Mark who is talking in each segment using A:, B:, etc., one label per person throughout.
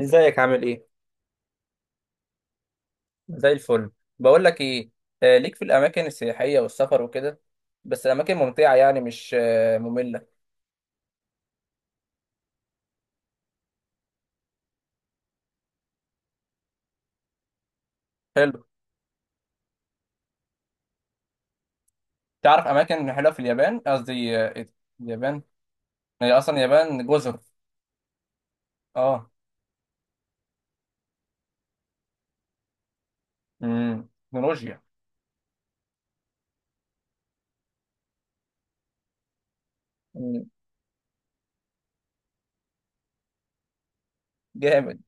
A: ازيك؟ عامل ايه؟ زي الفل. بقول لك ايه. ليك في الاماكن السياحيه والسفر وكده. بس الاماكن ممتعه يعني مش ممله. حلو. تعرف اماكن حلوه في اليابان؟ قصدي إيه ده؟ اليابان هي اصلا اليابان جزر. اه. تكنولوجيا. مم، جامد.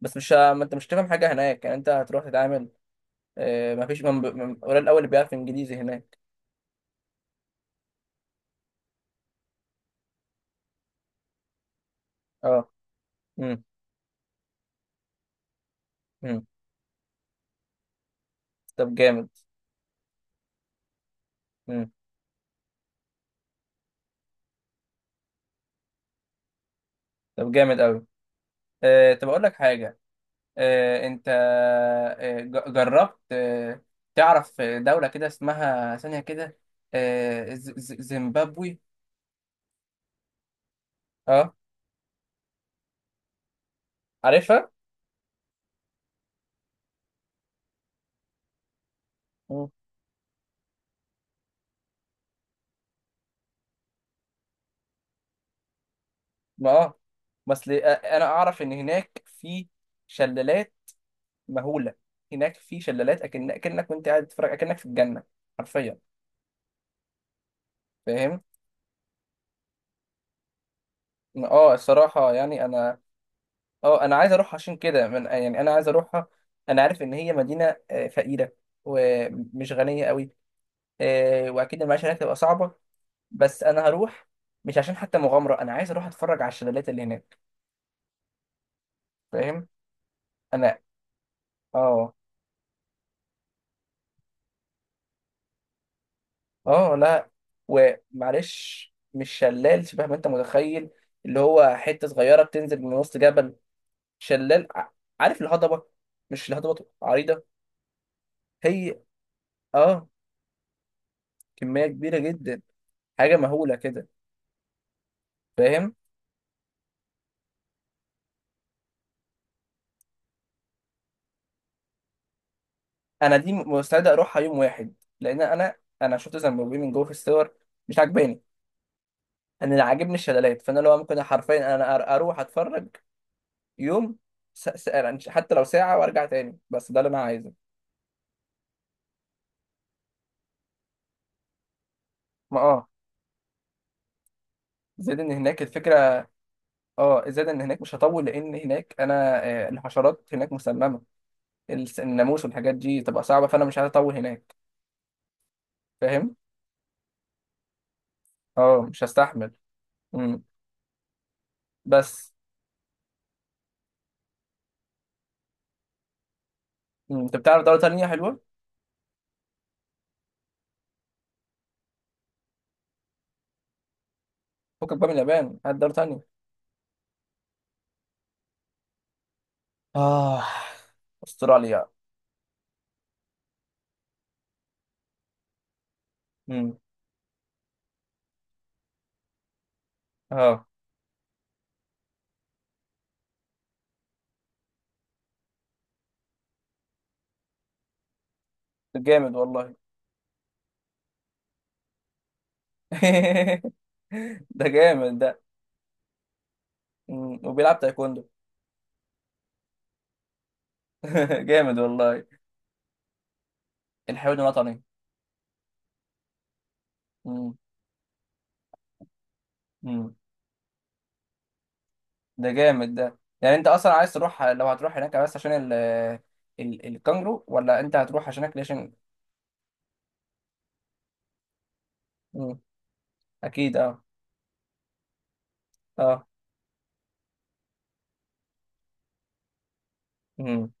A: بس مش ما انت مش تفهم حاجه هناك، يعني انت هتروح تتعامل. ما فيش من... قليل الاول اللي بيعرف انجليزي هناك. اه. امم امم طب جامد. امم طب جامد قوي. طب اقول لك حاجه. انت جربت تعرف دولة كده اسمها ثانية كده؟ زيمبابوي. اه، عارفها. مم. ما اه بس انا اعرف ان هناك في شلالات مهولة. هناك في شلالات اكن، اكنك وانت قاعد تتفرج اكنك في الجنة. حرفيا. فاهم. اه الصراحة يعني انا اه انا عايز اروح عشان كده من، يعني انا عايز اروحها. انا عارف ان هي مدينة فقيرة ومش غنية قوي. واكيد المعيشه هناك تبقى صعبه. بس انا هروح، مش عشان حتى مغامره، انا عايز اروح اتفرج على الشلالات اللي هناك. فاهم. انا اه اه لا. ومعلش مش شلال شبه ما انت متخيل، اللي هو حته صغيره بتنزل من وسط جبل. شلال عارف الهضبه؟ مش الهضبه عريضه. هي اه، كميه كبيره جدا، حاجه مهوله كده. فاهم. انا دي مستعد اروحها يوم واحد. لان انا انا شفت زنبوبيه من جوه في الصور، مش عاجباني. انا اللي عاجبني الشلالات، فانا لو ممكن حرفيا اروح اتفرج يوم. يعني حتى لو ساعه وارجع تاني، بس ده اللي انا عايزه. ما اه زائد ان هناك الفكره. اه، زائد ان هناك مش هطول، لان هناك انا الحشرات هناك مسممه. الناموس والحاجات دي تبقى صعبه، فانا مش عايز اطول هناك. فاهم. اه مش هستحمل. امم بس مم. انت بتعرف دوله تانيه حلوه؟ فكك بقى من اليابان، هات دوله تانيه. آه استراليا. امم اه جامد والله. ده جامد ده. وبيلعب تايكوندو. جامد والله. الحيوان الوطني. مم. مم. ده جامد ده. يعني انت اصلا عايز تروح، لو هتروح هناك بس عشان ال ال الكانجرو، ولا انت هتروح عشان اكل عشان. مم. اكيد اه. اه. مم.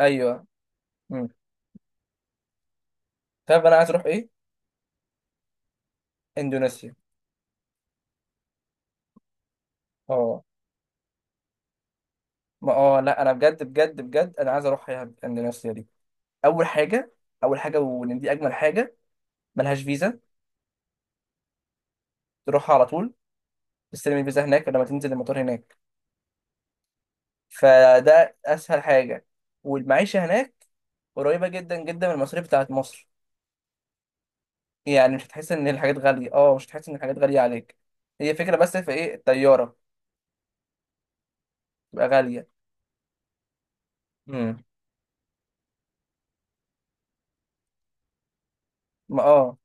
A: ايوه. مم. طيب انا عايز اروح ايه؟ اندونيسيا. اه ما اه لا انا بجد بجد بجد انا عايز اروح اندونيسيا دي. اول حاجه، اول حاجه ودي اجمل حاجه، ملهاش فيزا. تروحها على طول، تستلم الفيزا هناك لما تنزل المطار هناك. فده اسهل حاجه. والمعيشه هناك قريبه جدا جدا من المصاريف بتاعت مصر. يعني مش هتحس ان الحاجات غاليه، اه مش هتحس ان الحاجات غاليه عليك. هي فكره، بس في ايه الطياره تبقى غاليه. مم. ما اه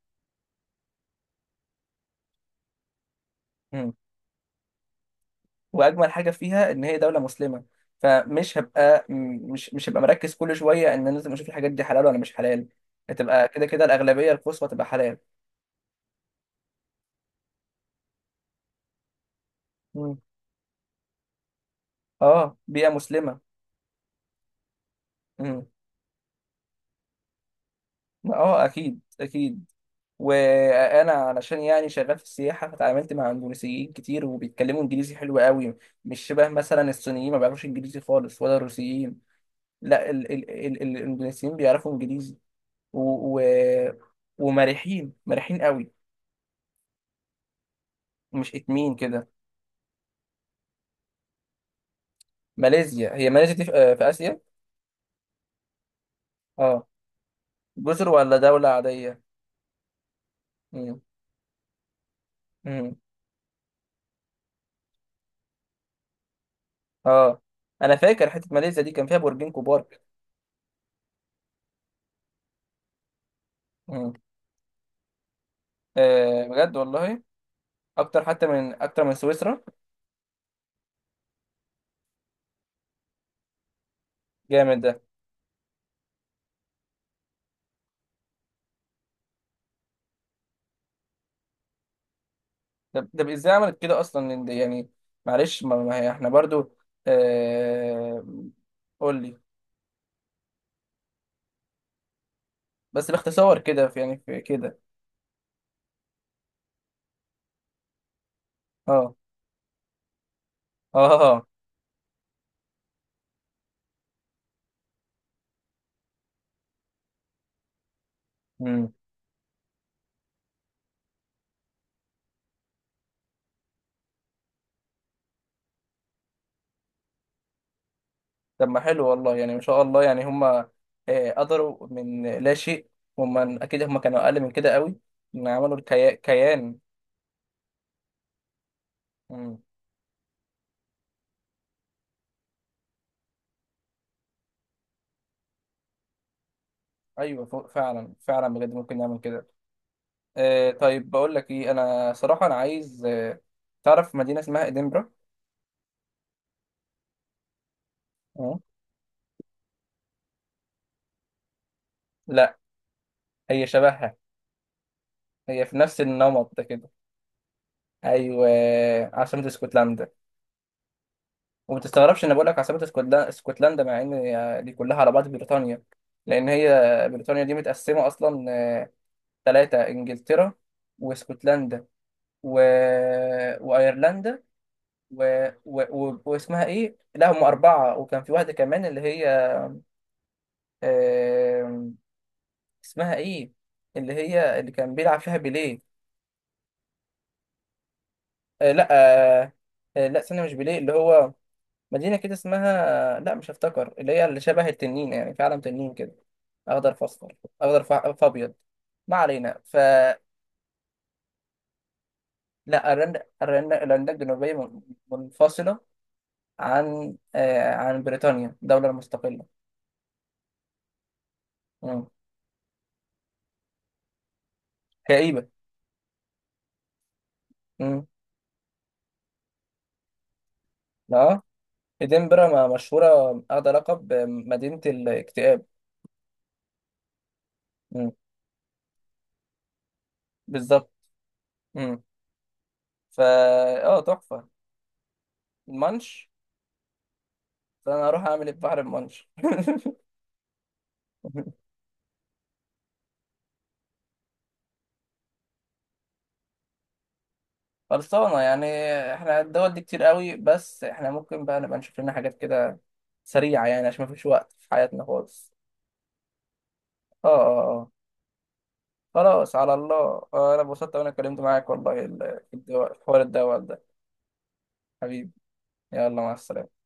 A: مم. واجمل حاجه فيها ان هي دوله مسلمه. فمش هبقى م- مش مش هبقى مركز كل شويه ان انا لازم اشوف الحاجات دي حلال ولا مش حلال. هتبقى كده كده الاغلبيه القصوى تبقى حلال. مم. اه بيئه مسلمه. مم. ما اه اكيد اكيد. وانا علشان يعني شغال في السياحه، فتعاملت مع اندونيسيين كتير وبيتكلموا انجليزي حلو قوي. مش شبه مثلا الصينيين، ما بيعرفوش انجليزي خالص، ولا الروسيين. لا الاندونيسيين بيعرفوا انجليزي. و و ومرحين مرحين قوي. مش اتمين كده ماليزيا؟ هي ماليزيا دي في، في اسيا. اه. جزر ولا دوله عاديه؟ مم. مم. اه. انا فاكر حته ماليزيا دي كان فيها برجين كبار. مم. آه بجد والله. اكتر حتى من، اكتر من سويسرا. جامد. ده ازاي عملت كده اصلا؟ لأن ده يعني معلش ما هي احنا برضو آه... قول لي. بس باختصار كده في يعني في كده. اه اه. امم طب ما حلو والله، يعني ما شاء الله. يعني هم قدروا من لا شيء. هم اكيد هم كانوا اقل من كده قوي، ان عملوا كيان. امم ايوه. فوق. فعلا فعلا بجد ممكن نعمل كده. طيب بقول لك ايه، انا صراحة انا عايز تعرف مدينة اسمها ادنبرا؟ اه. لا، هي شبهها، هي في نفس النمط ده كده. ايوه، عاصمة اسكتلندا. وما تستغربش ان بقول لك عاصمة اسكتلندا، اسكتلندا، مع ان هي دي كلها على بعض بريطانيا. لان هي بريطانيا دي متقسمة اصلا ثلاثة: انجلترا واسكتلندا و... وايرلندا و... و... واسمها ايه؟ لا هم اربعة، وكان في واحدة كمان، اللي هي آم، اسمها ايه؟ اللي هي اللي كان بيلعب فيها بيليه. آه، لا آه، آه، لا استنى مش بيليه، اللي هو مدينة كده اسمها، لا مش هفتكر، اللي هي اللي شبه التنين، يعني في عالم تنين كده، أخضر في أصفر، أخضر في في أبيض. ما علينا. لا أيرلندا، أيرلندا الجنوبية منفصلة عن عن بريطانيا، دولة مستقلة. مم. كئيبة. مم. لا إدنبرا مشهورة، أخذ لقب مدينة الاكتئاب. مم. بالظبط. مم. فا آه تحفة. المانش. فأنا هروح أعمل إيه في بحر المانش؟ خلصانة يعني. احنا الدول دي كتير قوي، بس احنا ممكن بقى نبقى نشوف لنا حاجات كده سريعة، يعني عشان مفيش وقت في حياتنا خالص. اه اه اه. خلاص على الله. انا اتبسطت وانا اتكلمت معاك والله في حوار الدول ده. حبيبي. يلا مع السلامة.